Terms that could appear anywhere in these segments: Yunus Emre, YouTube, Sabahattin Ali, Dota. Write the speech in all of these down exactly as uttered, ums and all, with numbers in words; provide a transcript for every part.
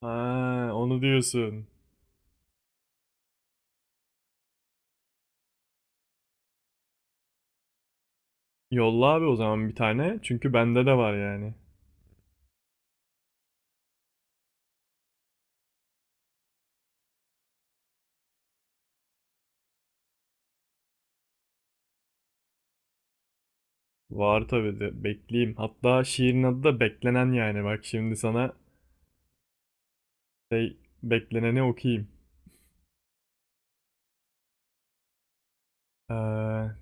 Ha, onu diyorsun. Yolla abi o zaman bir tane. Çünkü bende de var yani. Var tabii de bekleyeyim. Hatta şiirin adı da beklenen yani. Bak şimdi sana şey bekleneni okuyayım. Ee,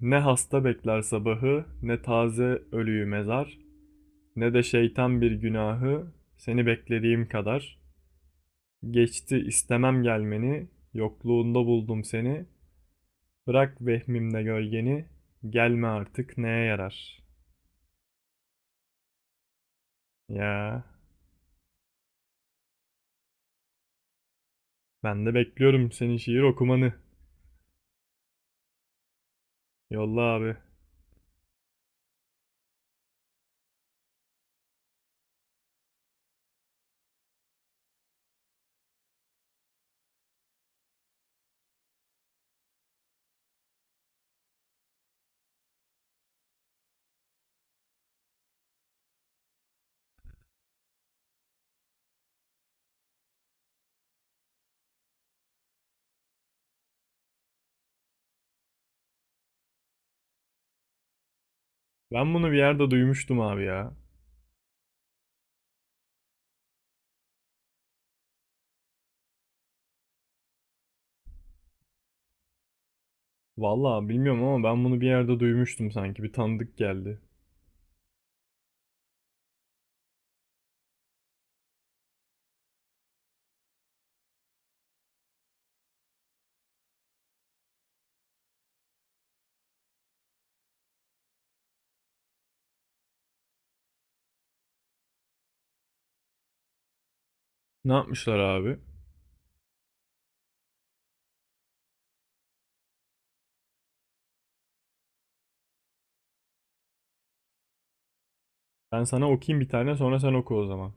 Ne hasta bekler sabahı, ne taze ölüyü mezar, ne de şeytan bir günahı seni beklediğim kadar. Geçti istemem gelmeni, yokluğunda buldum seni, bırak vehmimde gölgeni, gelme artık neye yarar? Ya, ben de bekliyorum senin şiir okumanı. Yolla abi. Ben bunu bir yerde duymuştum abi ya. Vallahi bilmiyorum ama ben bunu bir yerde duymuştum sanki. Bir tanıdık geldi. Ne yapmışlar abi? Ben sana okuyayım bir tane, sonra sen oku o zaman.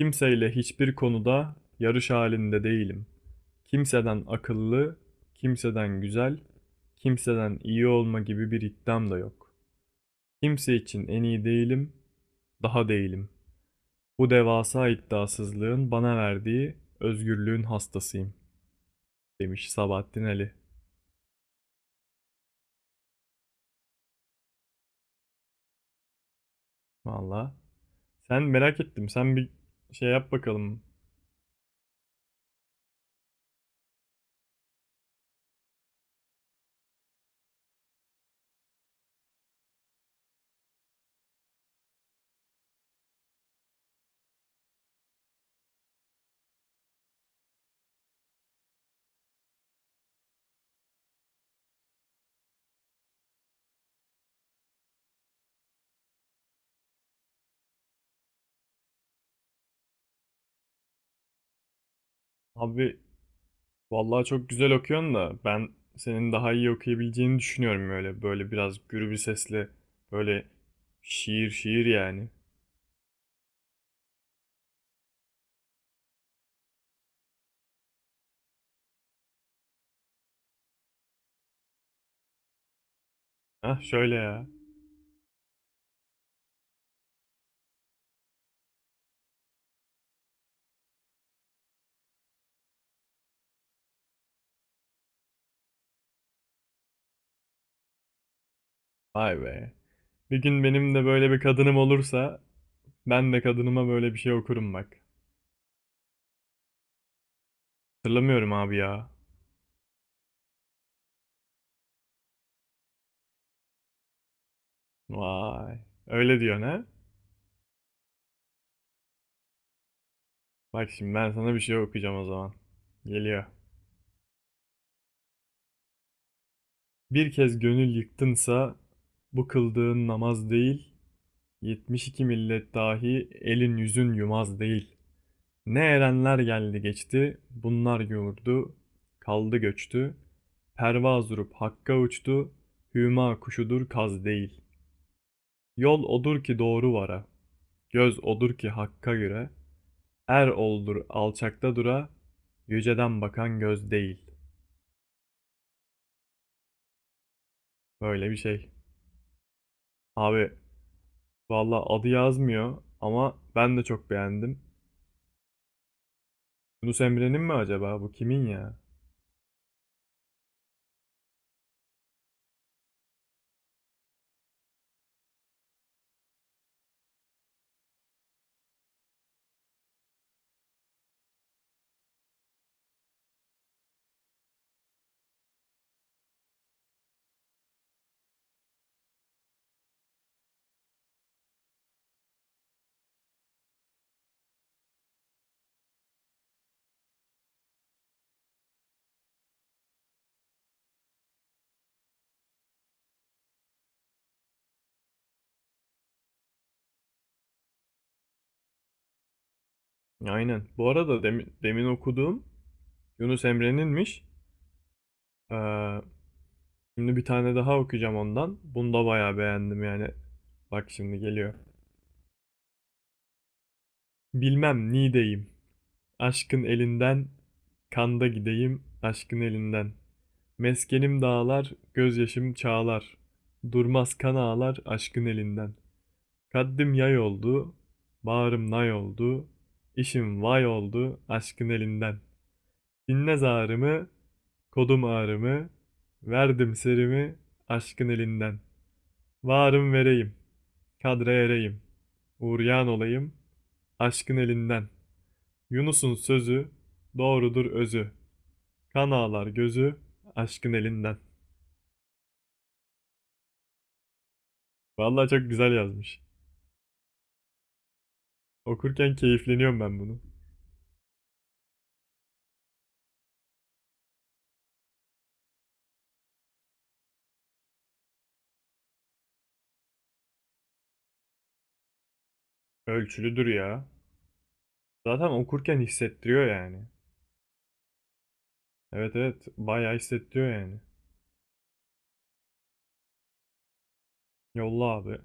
Kimseyle hiçbir konuda yarış halinde değilim. Kimseden akıllı, kimseden güzel, kimseden iyi olma gibi bir iddiam da yok. Kimse için en iyi değilim, daha değilim. Bu devasa iddiasızlığın bana verdiği özgürlüğün hastasıyım, demiş Sabahattin Ali. Valla. Sen merak ettim. Sen bir şey yap bakalım. Abi, vallahi çok güzel okuyorsun da ben senin daha iyi okuyabileceğini düşünüyorum öyle. Böyle biraz gürü bir sesle böyle şiir şiir yani. Hah şöyle ya. Vay be. Bir gün benim de böyle bir kadınım olursa ben de kadınıma böyle bir şey okurum bak. Hatırlamıyorum abi ya. Vay. Öyle diyor ne? Bak şimdi ben sana bir şey okuyacağım o zaman. Geliyor. Bir kez gönül yıktınsa bu kıldığın namaz değil, yetmiş iki millet dahi elin yüzün yumaz değil. Ne erenler geldi geçti, bunlar yoğurdu, kaldı göçtü. Pervaz durup hakka uçtu, hüma kuşudur kaz değil. Yol odur ki doğru vara, göz odur ki hakka göre. Er oldur alçakta dura, yüceden bakan göz değil. Böyle bir şey. Abi, valla adı yazmıyor ama ben de çok beğendim. Yunus Emre'nin mi acaba? Bu kimin ya? Aynen. Bu arada demin, demin okuduğum Yunus Emre'ninmiş. Ee, Şimdi bir tane daha okuyacağım ondan. Bunu da bayağı beğendim yani. Bak şimdi geliyor. Bilmem nideyim. Aşkın elinden kanda gideyim aşkın elinden. Meskenim dağlar, gözyaşım çağlar. Durmaz kan ağlar aşkın elinden. Kaddim yay oldu, bağrım nay oldu, işim vay oldu aşkın elinden. Dinle zarımı, kodum ağrımı, verdim serimi aşkın elinden. Varım vereyim, kadre ereyim, uğrayan olayım aşkın elinden. Yunus'un sözü, doğrudur özü, kan ağlar gözü aşkın elinden. Vallahi çok güzel yazmış. Okurken keyifleniyorum ben bunu. Ölçülüdür ya. Zaten okurken hissettiriyor yani. Evet evet, bayağı hissettiriyor yani. Yolla abi.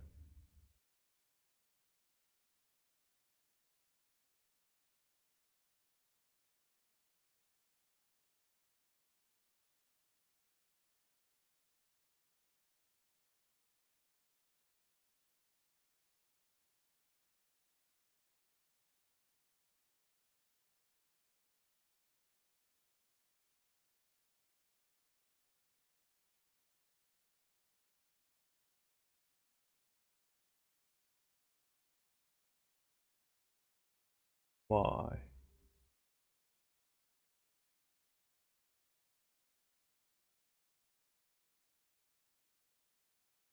Vay.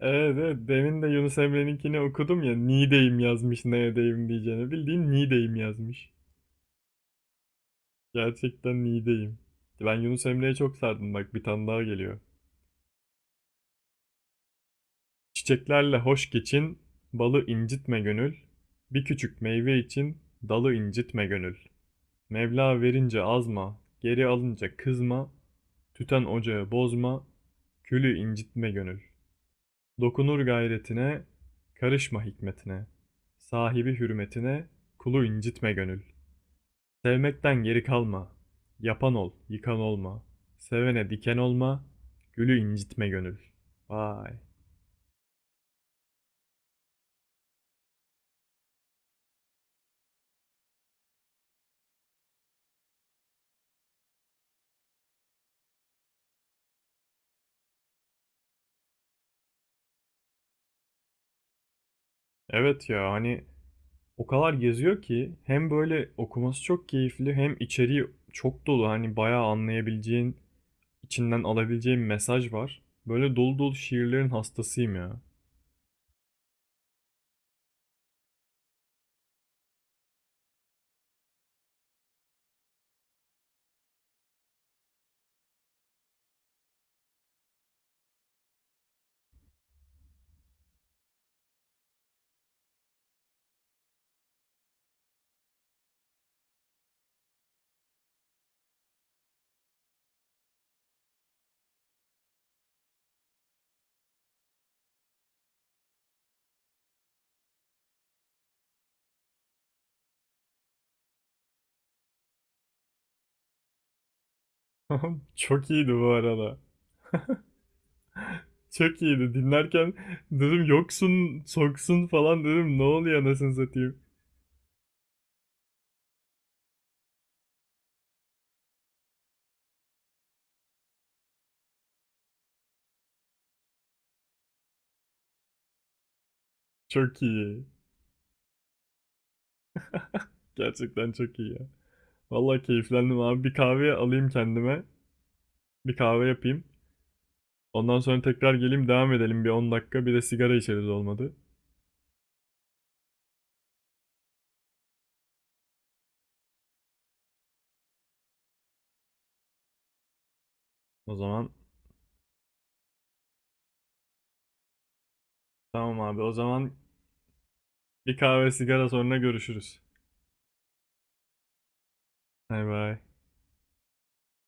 Evet evet, demin de Yunus Emre'ninkini okudum ya, Niğdeyim yazmış neredeyim diyeceğine. Bildiğin Niğdeyim yazmış. Gerçekten Niğdeyim. Ben Yunus Emre'ye çok sardım, bak bir tane daha geliyor. Çiçeklerle hoş geçin, balı incitme gönül. Bir küçük meyve için dalı incitme gönül. Mevla verince azma, geri alınca kızma. Tüten ocağı bozma, külü incitme gönül. Dokunur gayretine, karışma hikmetine. Sahibi hürmetine, kulu incitme gönül. Sevmekten geri kalma. Yapan ol, yıkan olma. Sevene diken olma, gülü incitme gönül. Vay. Evet ya, hani o kadar geziyor ki hem böyle okuması çok keyifli hem içeriği çok dolu. Hani bayağı anlayabileceğin, içinden alabileceğin mesaj var. Böyle dolu dolu şiirlerin hastasıyım ya. Çok iyiydi bu arada. Çok iyiydi. Dinlerken dedim yoksun, soksun falan dedim. Ne oluyor anasını satayım. Çok iyi. Gerçekten çok iyi ya. Vallahi keyiflendim abi. Bir kahve alayım kendime. Bir kahve yapayım. Ondan sonra tekrar geleyim, devam edelim bir on dakika. Bir de sigara içeriz olmadı. O zaman tamam abi. O zaman bir kahve sigara, sonra görüşürüz. Bay bay.